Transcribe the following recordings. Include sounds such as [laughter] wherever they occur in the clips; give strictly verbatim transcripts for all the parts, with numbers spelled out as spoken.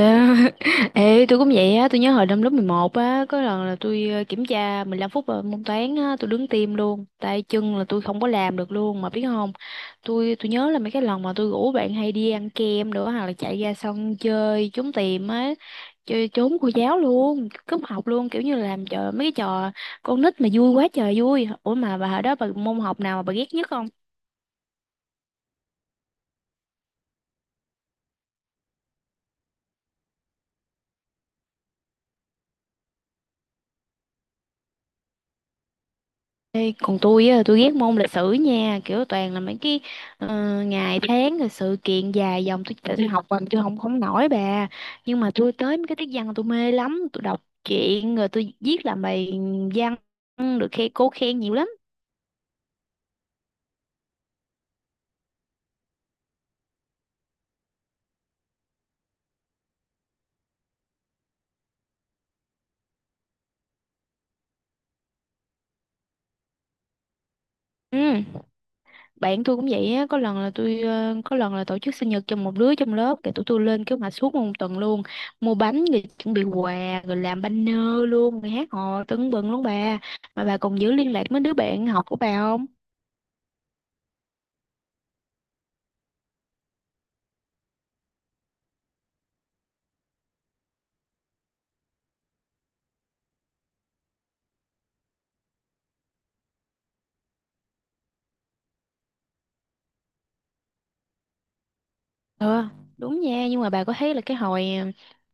Ê, [laughs] ê, tôi cũng vậy á, tôi nhớ hồi năm lớp mười một á, có lần là tôi ờ, kiểm tra mười lăm phút ờ, môn toán á, tôi đứng tim luôn, tay chân là tôi không có làm được luôn mà biết không? Tôi tôi nhớ là mấy cái lần mà tôi rủ bạn hay đi ăn kem nữa hoặc là chạy ra sân chơi trốn tìm á, chơi trốn cô giáo luôn, cúp học luôn, kiểu như là làm trò mấy cái trò con nít mà vui quá trời vui. Ủa mà bà hồi đó bà môn học nào mà bà ghét nhất không? Ê, còn tôi á, tôi ghét môn lịch sử nha, kiểu toàn là mấy cái ờ, ngày tháng rồi sự kiện dài dòng tôi tự tôi học bằng tôi không không nổi bà. Nhưng mà tôi tới mấy cái tiết văn là tôi mê lắm, tôi đọc truyện rồi tôi viết làm bài văn được khen cô khen nhiều lắm. Ừ. Bạn tôi cũng vậy á, có lần là tôi ờ, có lần là tổ chức sinh nhật cho một đứa trong lớp, cái tụi tôi lên kế hoạch suốt một tuần luôn, mua bánh rồi chuẩn bị quà rồi làm banner luôn, rồi hát hò tưng bừng luôn bà. Mà bà còn giữ liên lạc với đứa bạn học của bà không? Ừ, đúng nha, nhưng mà bà có thấy là cái hồi ờ,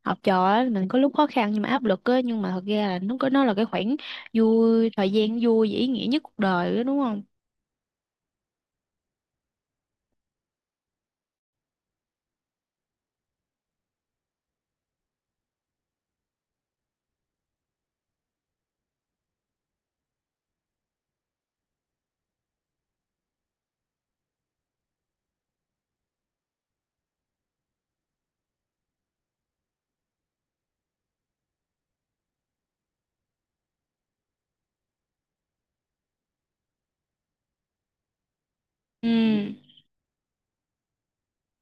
học trò á, mình có lúc khó khăn nhưng mà áp lực á, nhưng mà thật ra là nó có nó là cái khoảng vui, thời gian vui và ý nghĩa nhất cuộc đời đó, đúng không? Ừ.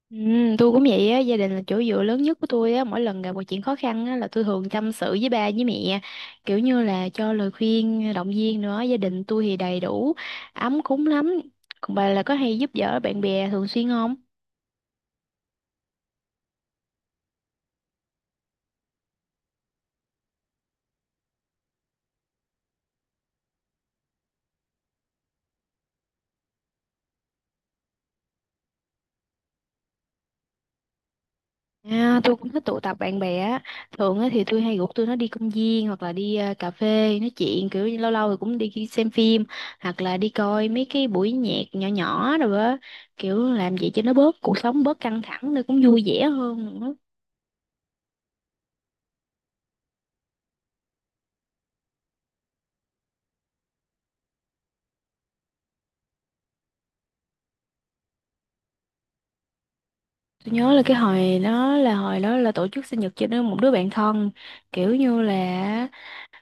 Ừ, tôi cũng vậy á, gia đình là chỗ dựa lớn nhất của tôi á, mỗi lần gặp một chuyện khó khăn á, là tôi thường tâm sự với ba với mẹ, kiểu như là cho lời khuyên, động viên nữa, gia đình tôi thì đầy đủ, ấm cúng lắm. Còn bà là có hay giúp đỡ bạn bè thường xuyên không? À, tôi cũng thích tụ tập bạn bè á, thường á thì tôi hay rủ tôi nó đi công viên hoặc là đi à, cà phê nói chuyện, kiểu như lâu lâu thì cũng đi xem phim hoặc là đi coi mấy cái buổi nhạc nhỏ nhỏ rồi á, kiểu làm vậy cho nó bớt cuộc sống bớt căng thẳng, nó cũng vui vẻ hơn nữa. Tôi nhớ là cái hồi đó là hồi đó là tổ chức sinh nhật cho nó một đứa bạn thân, kiểu như là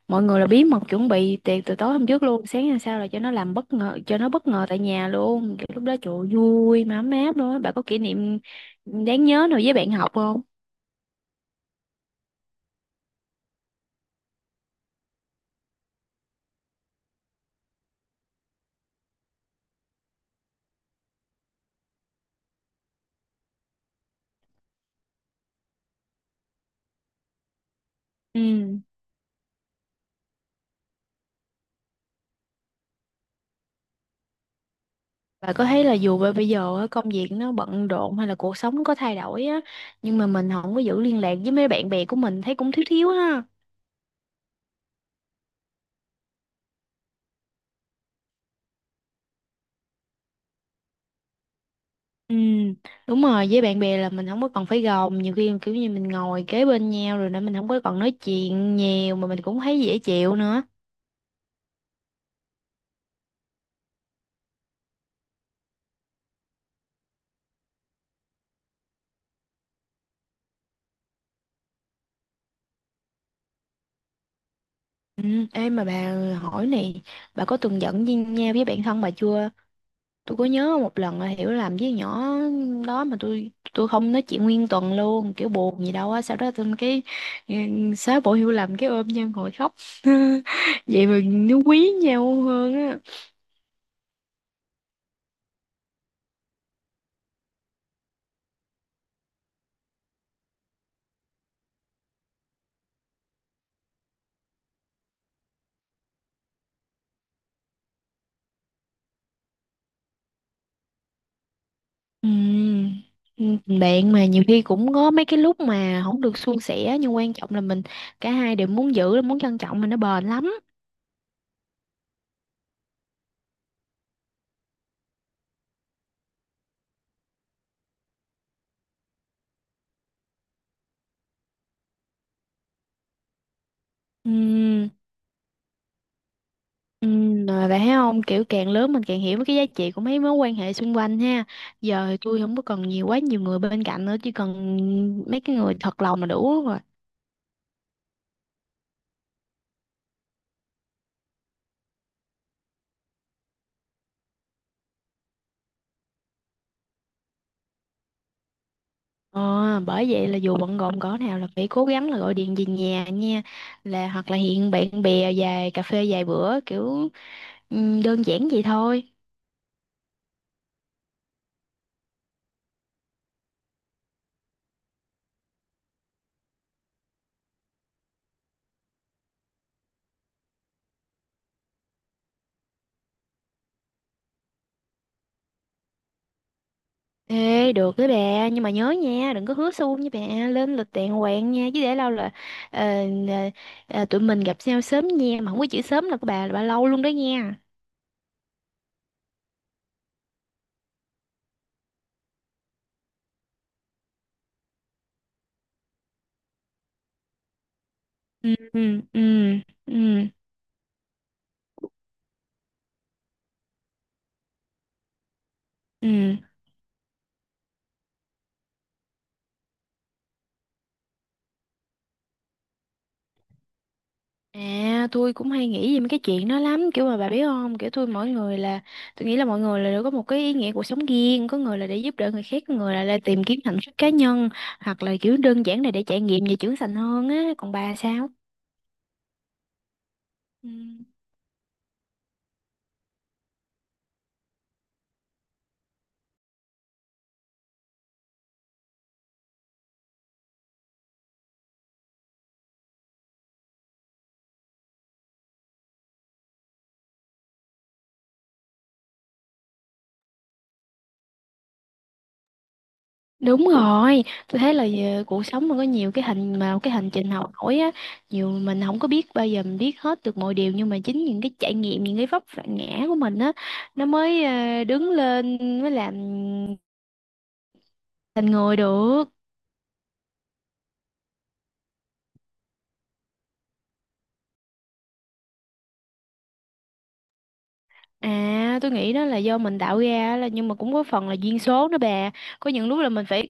mọi người là bí mật chuẩn bị tiệc từ tối hôm trước luôn, sáng hôm sau là cho nó làm bất ngờ cho nó bất ngờ tại nhà luôn, kiểu lúc đó trời ơi, vui mà ấm áp luôn á. Bà có kỷ niệm đáng nhớ nào với bạn học không? Ừ. Bà có thấy là dù bây giờ á, công việc nó bận rộn hay là cuộc sống nó có thay đổi á, nhưng mà mình không có giữ liên lạc với mấy bạn bè của mình thấy cũng thiếu thiếu ha? Ừ. Đúng rồi, với bạn bè là mình không có còn phải gồng, nhiều khi kiểu như mình ngồi kế bên nhau rồi nữa mình không có còn nói chuyện nhiều mà mình cũng thấy dễ chịu nữa. Ừ, ê mà bà, hỏi này, bà có từng giận với nhau với bạn thân bà chưa? Tôi có nhớ một lần là hiểu làm với nhỏ đó mà tôi tôi không nói chuyện nguyên tuần luôn, kiểu buồn gì đâu á, sau đó tôi cái ừ, xóa bỏ hiểu lầm cái ôm nhau ngồi khóc. [laughs] Vậy mà nó quý nhau hơn á. Ừ, ừ, bạn mà nhiều khi cũng có mấy cái lúc mà không được suôn sẻ, nhưng quan trọng là mình cả hai đều muốn giữ muốn trân trọng mình nó bền lắm. Ừ. Ừ, rồi bạn thấy không, kiểu càng lớn mình càng hiểu mấy cái giá trị của mấy mối quan hệ xung quanh ha. Giờ thì tôi không có cần nhiều quá, nhiều người bên cạnh nữa, chỉ cần mấy cái người thật lòng là đủ rồi. ờ, Bởi vậy là dù bận rộn cỡ nào là phải cố gắng là gọi điện về nhà nha, là hoặc là hẹn bạn bè vài cà phê vài bữa, kiểu ừ, đơn giản vậy thôi. Ê, được đấy bà, nhưng mà nhớ nha, đừng có hứa suông với bà, lên lịch đàng hoàng nha, chứ để lâu là ờ, ờ, ờ, tụi mình gặp nhau sớm nha, mà không có chữ sớm là của bà là bà lâu luôn đó nha. Ừ, ừ, ừ, ừ, ừ. À, tôi cũng hay nghĩ về mấy cái chuyện đó lắm, kiểu mà bà biết không, kiểu tôi mỗi người là, tôi nghĩ là mọi người là đều có một cái ý nghĩa cuộc sống riêng, có người là để giúp đỡ người khác, có người là để tìm kiếm hạnh phúc cá nhân, hoặc là kiểu đơn giản là để trải nghiệm và trưởng thành hơn á, còn bà sao? Ừ. Đúng rồi, tôi thấy là ờ, cuộc sống nó có nhiều cái hành mà cái hành trình học hỏi á, nhiều mình không có biết bao giờ mình biết hết được mọi điều, nhưng mà chính những cái trải nghiệm, những cái vấp phải ngã của mình á, nó mới ờ, đứng lên mới làm thành người được. À, tôi nghĩ đó là do mình tạo ra là nhưng mà cũng có phần là duyên số nữa bà. Có những lúc là mình phải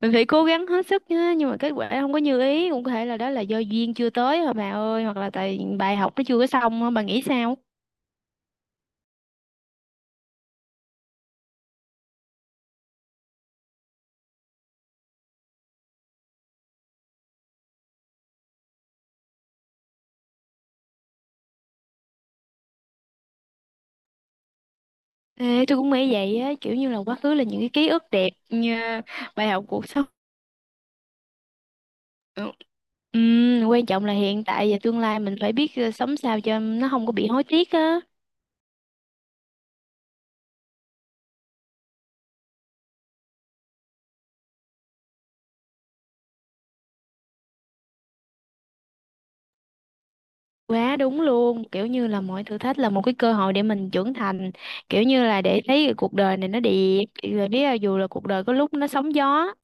mình phải cố gắng hết sức nhá, nhưng mà kết quả không có như ý, cũng có thể là đó là do duyên chưa tới thôi bà ơi, hoặc là tại bài học nó chưa có xong á, bà nghĩ sao? Ê, tôi cũng nghĩ vậy á, kiểu như là quá khứ là những cái ký ức đẹp như bài học cuộc sống. Ừ. Ừm, quan trọng là hiện tại và tương lai mình phải biết ờ, sống sao cho nó không có bị hối tiếc á. Quá đúng luôn, kiểu như là mọi thử thách là một cái cơ hội để mình trưởng thành, kiểu như là để thấy cái cuộc đời này nó đẹp, rồi biết là dù là cuộc đời có lúc nó sóng gió.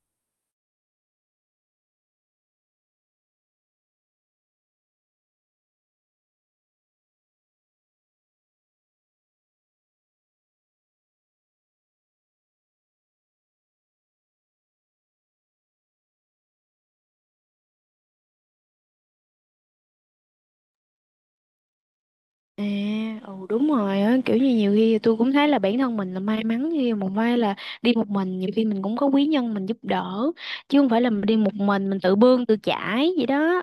À, ừ đúng rồi á, kiểu như nhiều khi tôi cũng thấy là bản thân mình là may mắn khi một vai là đi một mình, nhiều khi mình cũng có quý nhân mình giúp đỡ, chứ không phải là mình đi một mình mình tự bươn tự chải vậy đó.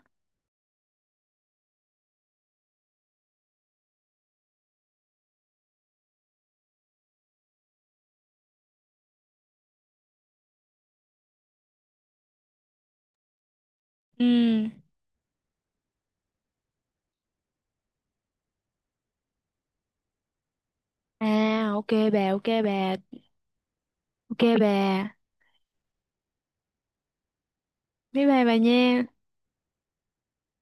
Ừ. À, ok bà, ok bà, ok bà. Bye bye bà nha.